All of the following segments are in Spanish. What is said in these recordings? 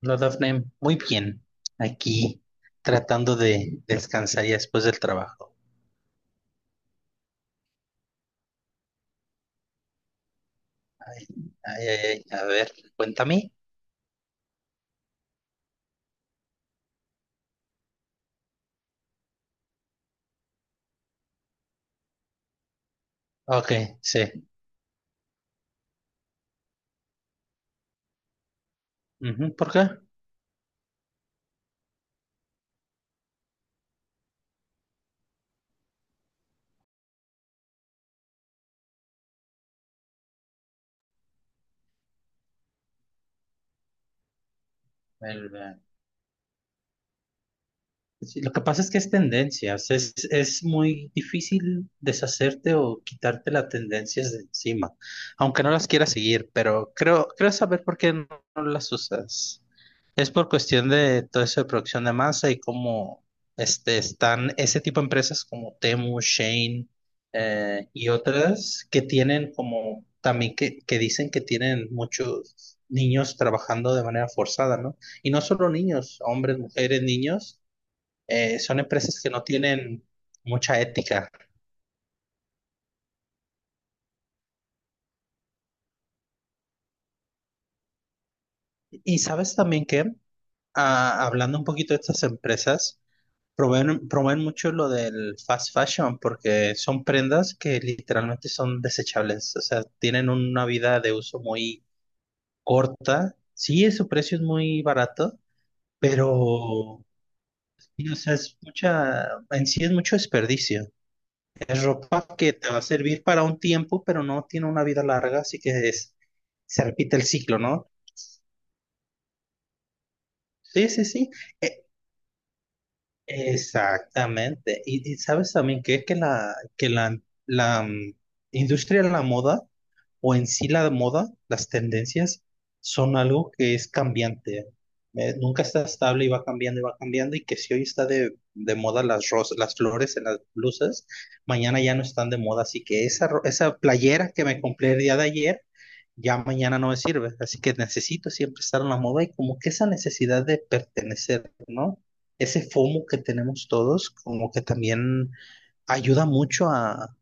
No, Dafne, muy bien. Aquí tratando de descansar ya después del trabajo. Ay, ay, ay, ay, a ver, cuéntame. Ok, sí. Ujú, ¿por qué? El, eh, sí, lo que pasa es que es tendencia. O sea, es muy difícil deshacerte o quitarte las tendencias de encima, aunque no las quieras seguir, pero creo, creo saber por qué no las usas. Es por cuestión de todo eso de producción de masa y cómo están ese tipo de empresas como Temu, Shane, y otras que tienen como también que dicen que tienen muchos niños trabajando de manera forzada, ¿no? Y no solo niños, hombres, mujeres, niños, son empresas que no tienen mucha ética. Y sabes también que, hablando un poquito de estas empresas, promueven, promueven mucho lo del fast fashion porque son prendas que literalmente son desechables, o sea, tienen una vida de uso muy corta. Sí, su precio es muy barato, pero y, o sea, es mucha, en sí es mucho desperdicio. Es ropa que te va a servir para un tiempo, pero no tiene una vida larga, así que es, se repite el ciclo, ¿no? Sí, sí, sí. E- Exactamente. Y sabes también que es que la industria de la moda o en sí la moda, las tendencias, son algo que es cambiante. Nunca está estable y va cambiando y va cambiando y que si hoy está de moda las rosas, las flores en las blusas, mañana ya no están de moda. Así que esa, esa playera que me compré el día de ayer ya mañana no me sirve, así que necesito siempre estar en la moda y como que esa necesidad de pertenecer, ¿no? Ese FOMO que tenemos todos, como que también ayuda mucho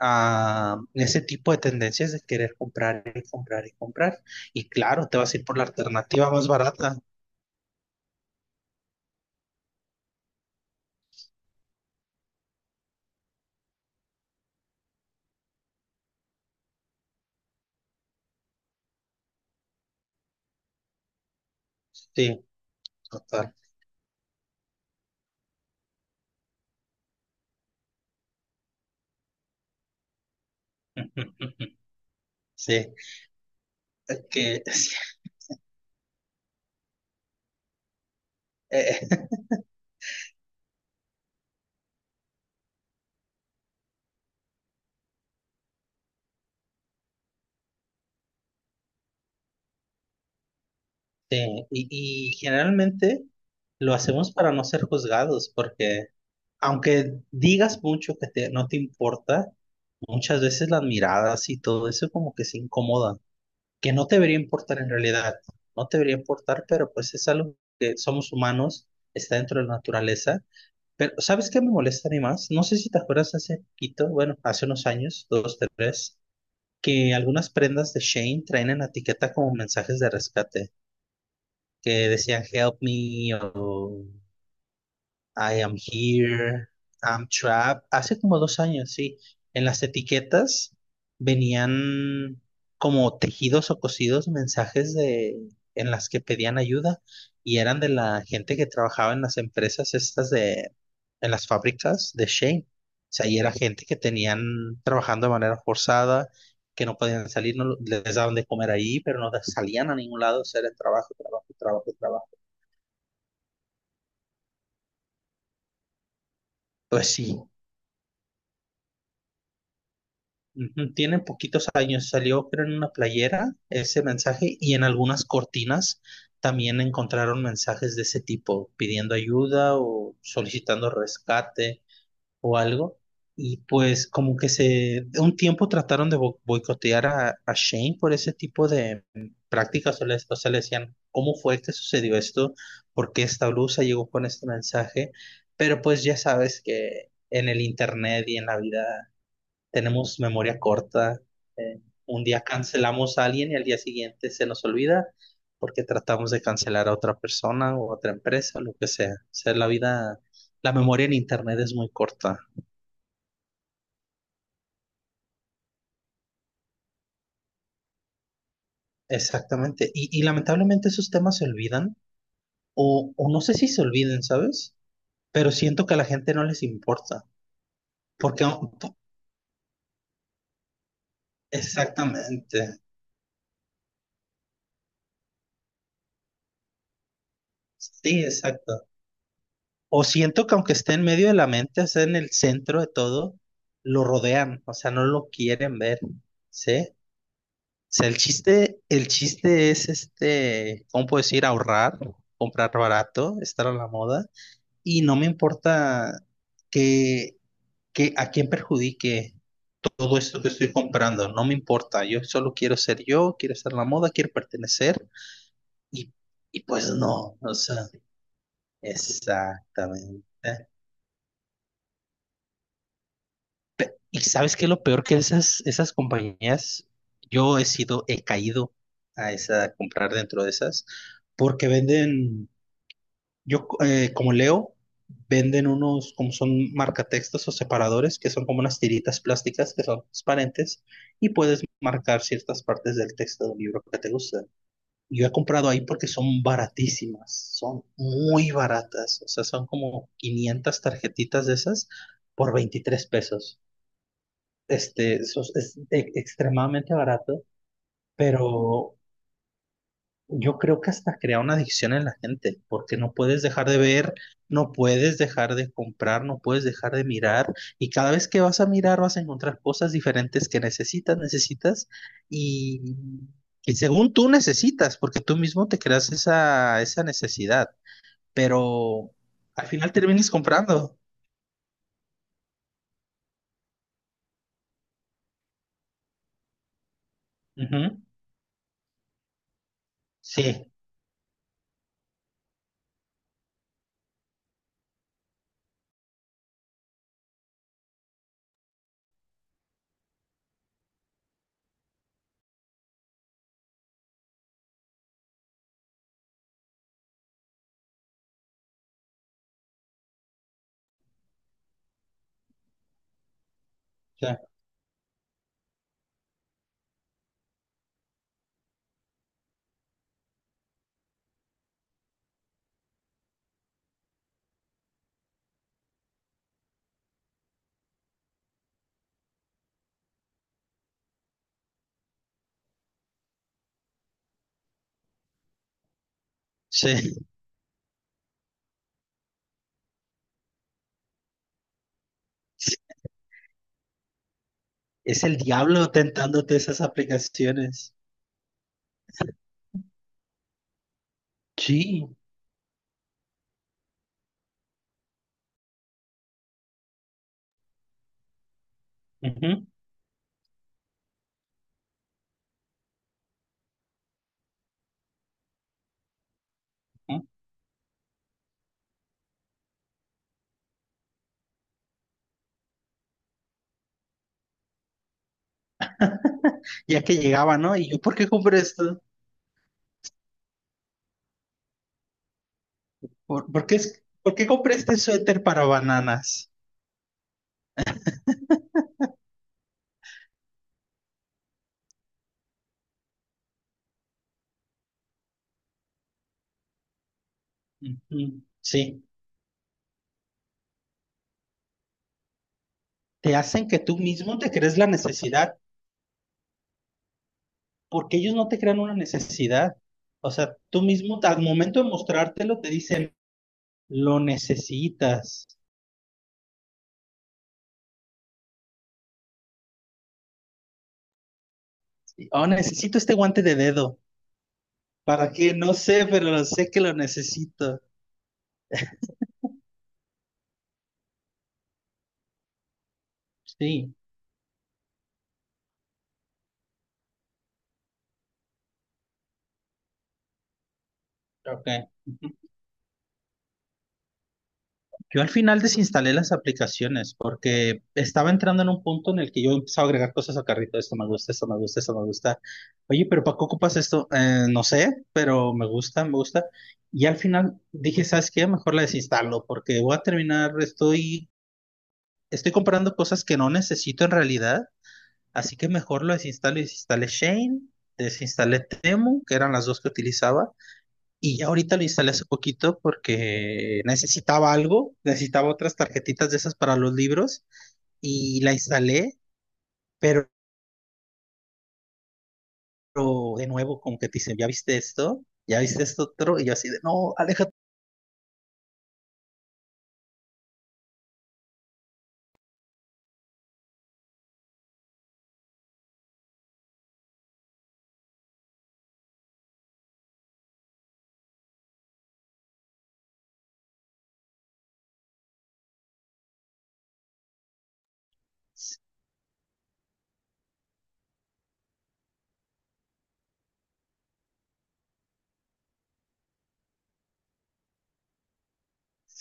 a ese tipo de tendencias de querer comprar y comprar y comprar. Y claro, te vas a ir por la alternativa más barata. Sí, total. Sí, que, eh, sí, y generalmente lo hacemos para no ser juzgados, porque aunque digas mucho que no te importa, muchas veces las miradas y todo eso como que se incomodan, que no te debería importar en realidad, no te debería importar, pero pues es algo que somos humanos, está dentro de la naturaleza. Pero ¿sabes qué me molesta a mí más? No sé si te acuerdas hace poquito, bueno, hace unos años, dos, tres, que algunas prendas de Shane traen en la etiqueta como mensajes de rescate, que decían help me o I am here, I'm trapped. Hace como dos años, sí. En las etiquetas venían como tejidos o cosidos mensajes de, en las que pedían ayuda y eran de la gente que trabajaba en las empresas estas de, en las fábricas de Shane. O sea, y era gente que tenían trabajando de manera forzada, que no podían salir, no lo- les daban de comer ahí, pero no salían a ningún lado, o sea, era trabajo, trabajo, trabajo, trabajo. Pues sí, ujú, tiene poquitos años, salió creo en una playera ese mensaje y en algunas cortinas también encontraron mensajes de ese tipo, pidiendo ayuda o solicitando rescate o algo. Y pues como que se, de un tiempo trataron de boicotear a Shane por ese tipo de prácticas, o le, o sea, le decían, ¿cómo fue que sucedió esto? ¿Por qué esta blusa llegó con este mensaje? Pero pues ya sabes que en el internet y en la vida tenemos memoria corta. Un día cancelamos a alguien y al día siguiente se nos olvida porque tratamos de cancelar a otra persona o a otra empresa, lo que sea. O sea, la vida, la memoria en Internet es muy corta. Exactamente. Y lamentablemente esos temas se olvidan o no sé si se olviden, ¿sabes? Pero siento que a la gente no les importa. Porque, exactamente. Sí, exacto. O siento que aunque esté en medio de la mente, o sea, en el centro de todo, lo rodean, o sea, no lo quieren ver, ¿sí? O sea, el chiste es este, ¿cómo puedo decir? Ahorrar, comprar barato, estar a la moda, y no me importa que, que a quién perjudique todo esto que estoy comprando, no me importa, yo solo quiero ser yo, quiero estar a la moda, quiero pertenecer, y, y pues no, o sea, exactamente. Y sabes qué es lo peor que esas, esas compañías, yo he sido, he caído a esa, a comprar dentro de esas, porque venden, yo como leo, venden unos, como son marcatextos o separadores, que son como unas tiritas plásticas que son transparentes y puedes marcar ciertas partes del texto de un libro que te gusta. Yo he comprado ahí porque son baratísimas, son muy baratas, o sea, son como 500 tarjetitas de esas por 23 pesos eso es, extremadamente barato, pero yo creo que hasta crea una adicción en la gente, porque no puedes dejar de ver, no puedes dejar de comprar, no puedes dejar de mirar, y cada vez que vas a mirar vas a encontrar cosas diferentes que necesitas, necesitas, y, y según tú necesitas, porque tú mismo te creas esa, esa necesidad, pero al final terminas comprando. Ujú. Sí, sí, sí, es el diablo tentándote esas aplicaciones. Sí. Ujú, ujú. Ya que llegaba, ¿no? Y yo, ¿por qué compré esto? ¿ por qué compré este suéter para bananas? Ujú, sí, te hacen que tú mismo te crees la necesidad, porque ellos no te crean una necesidad. O sea, tú mismo, al momento de mostrártelo, te dicen, lo necesitas. Oh, necesito este guante de dedo. ¿Para qué? No sé, pero sé que lo necesito. Sí, ok. Yo al final desinstalé las aplicaciones porque estaba entrando en un punto en el que yo empezaba a agregar cosas a carrito. Esto me gusta, esto me gusta, esto me gusta. Oye, pero ¿para qué ocupas esto? No sé, pero me gusta, me gusta. Y al final dije, ¿sabes qué? Mejor la desinstalo porque voy a terminar, estoy, estoy comprando cosas que no necesito en realidad. Así que mejor lo desinstalo. Desinstalé Shane, desinstalé Temu, que eran las dos que utilizaba. Y ya ahorita lo instalé hace poquito porque necesitaba algo, necesitaba otras tarjetitas de esas para los libros y la instalé, pero de nuevo como que te dicen, ¿ya viste esto? ¿Ya viste esto otro? Y yo así de, no, aléjate.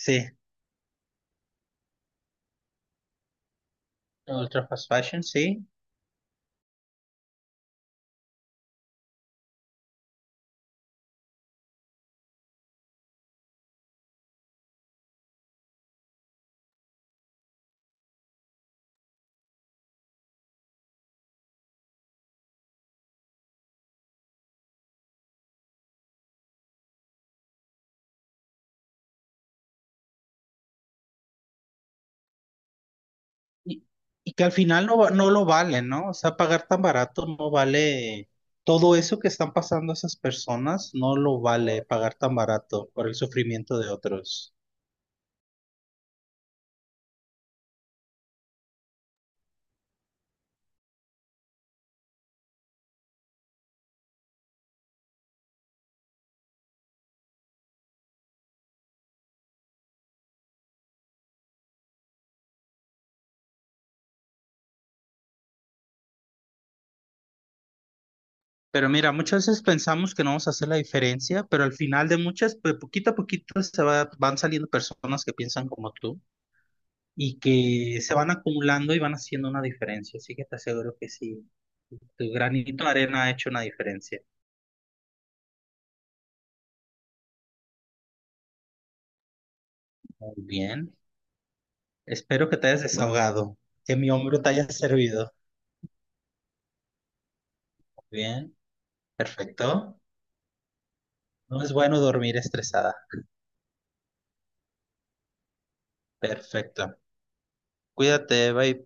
Sí, ultra fast fashion, sí. Y, y que al final no, no lo vale, ¿no? O sea, pagar tan barato no vale todo eso que están pasando esas personas, no lo vale pagar tan barato por el sufrimiento de otros. Pero mira, muchas veces pensamos que no vamos a hacer la diferencia, pero al final de muchas, pues poquito a poquito van saliendo personas que piensan como tú y que se van acumulando y van haciendo una diferencia. Así que te aseguro que sí, tu granito de arena ha hecho una diferencia. Muy bien. Espero que te hayas desahogado, que mi hombro te haya servido. Muy bien, perfecto. No es bueno dormir estresada. Perfecto. Cuídate, bye.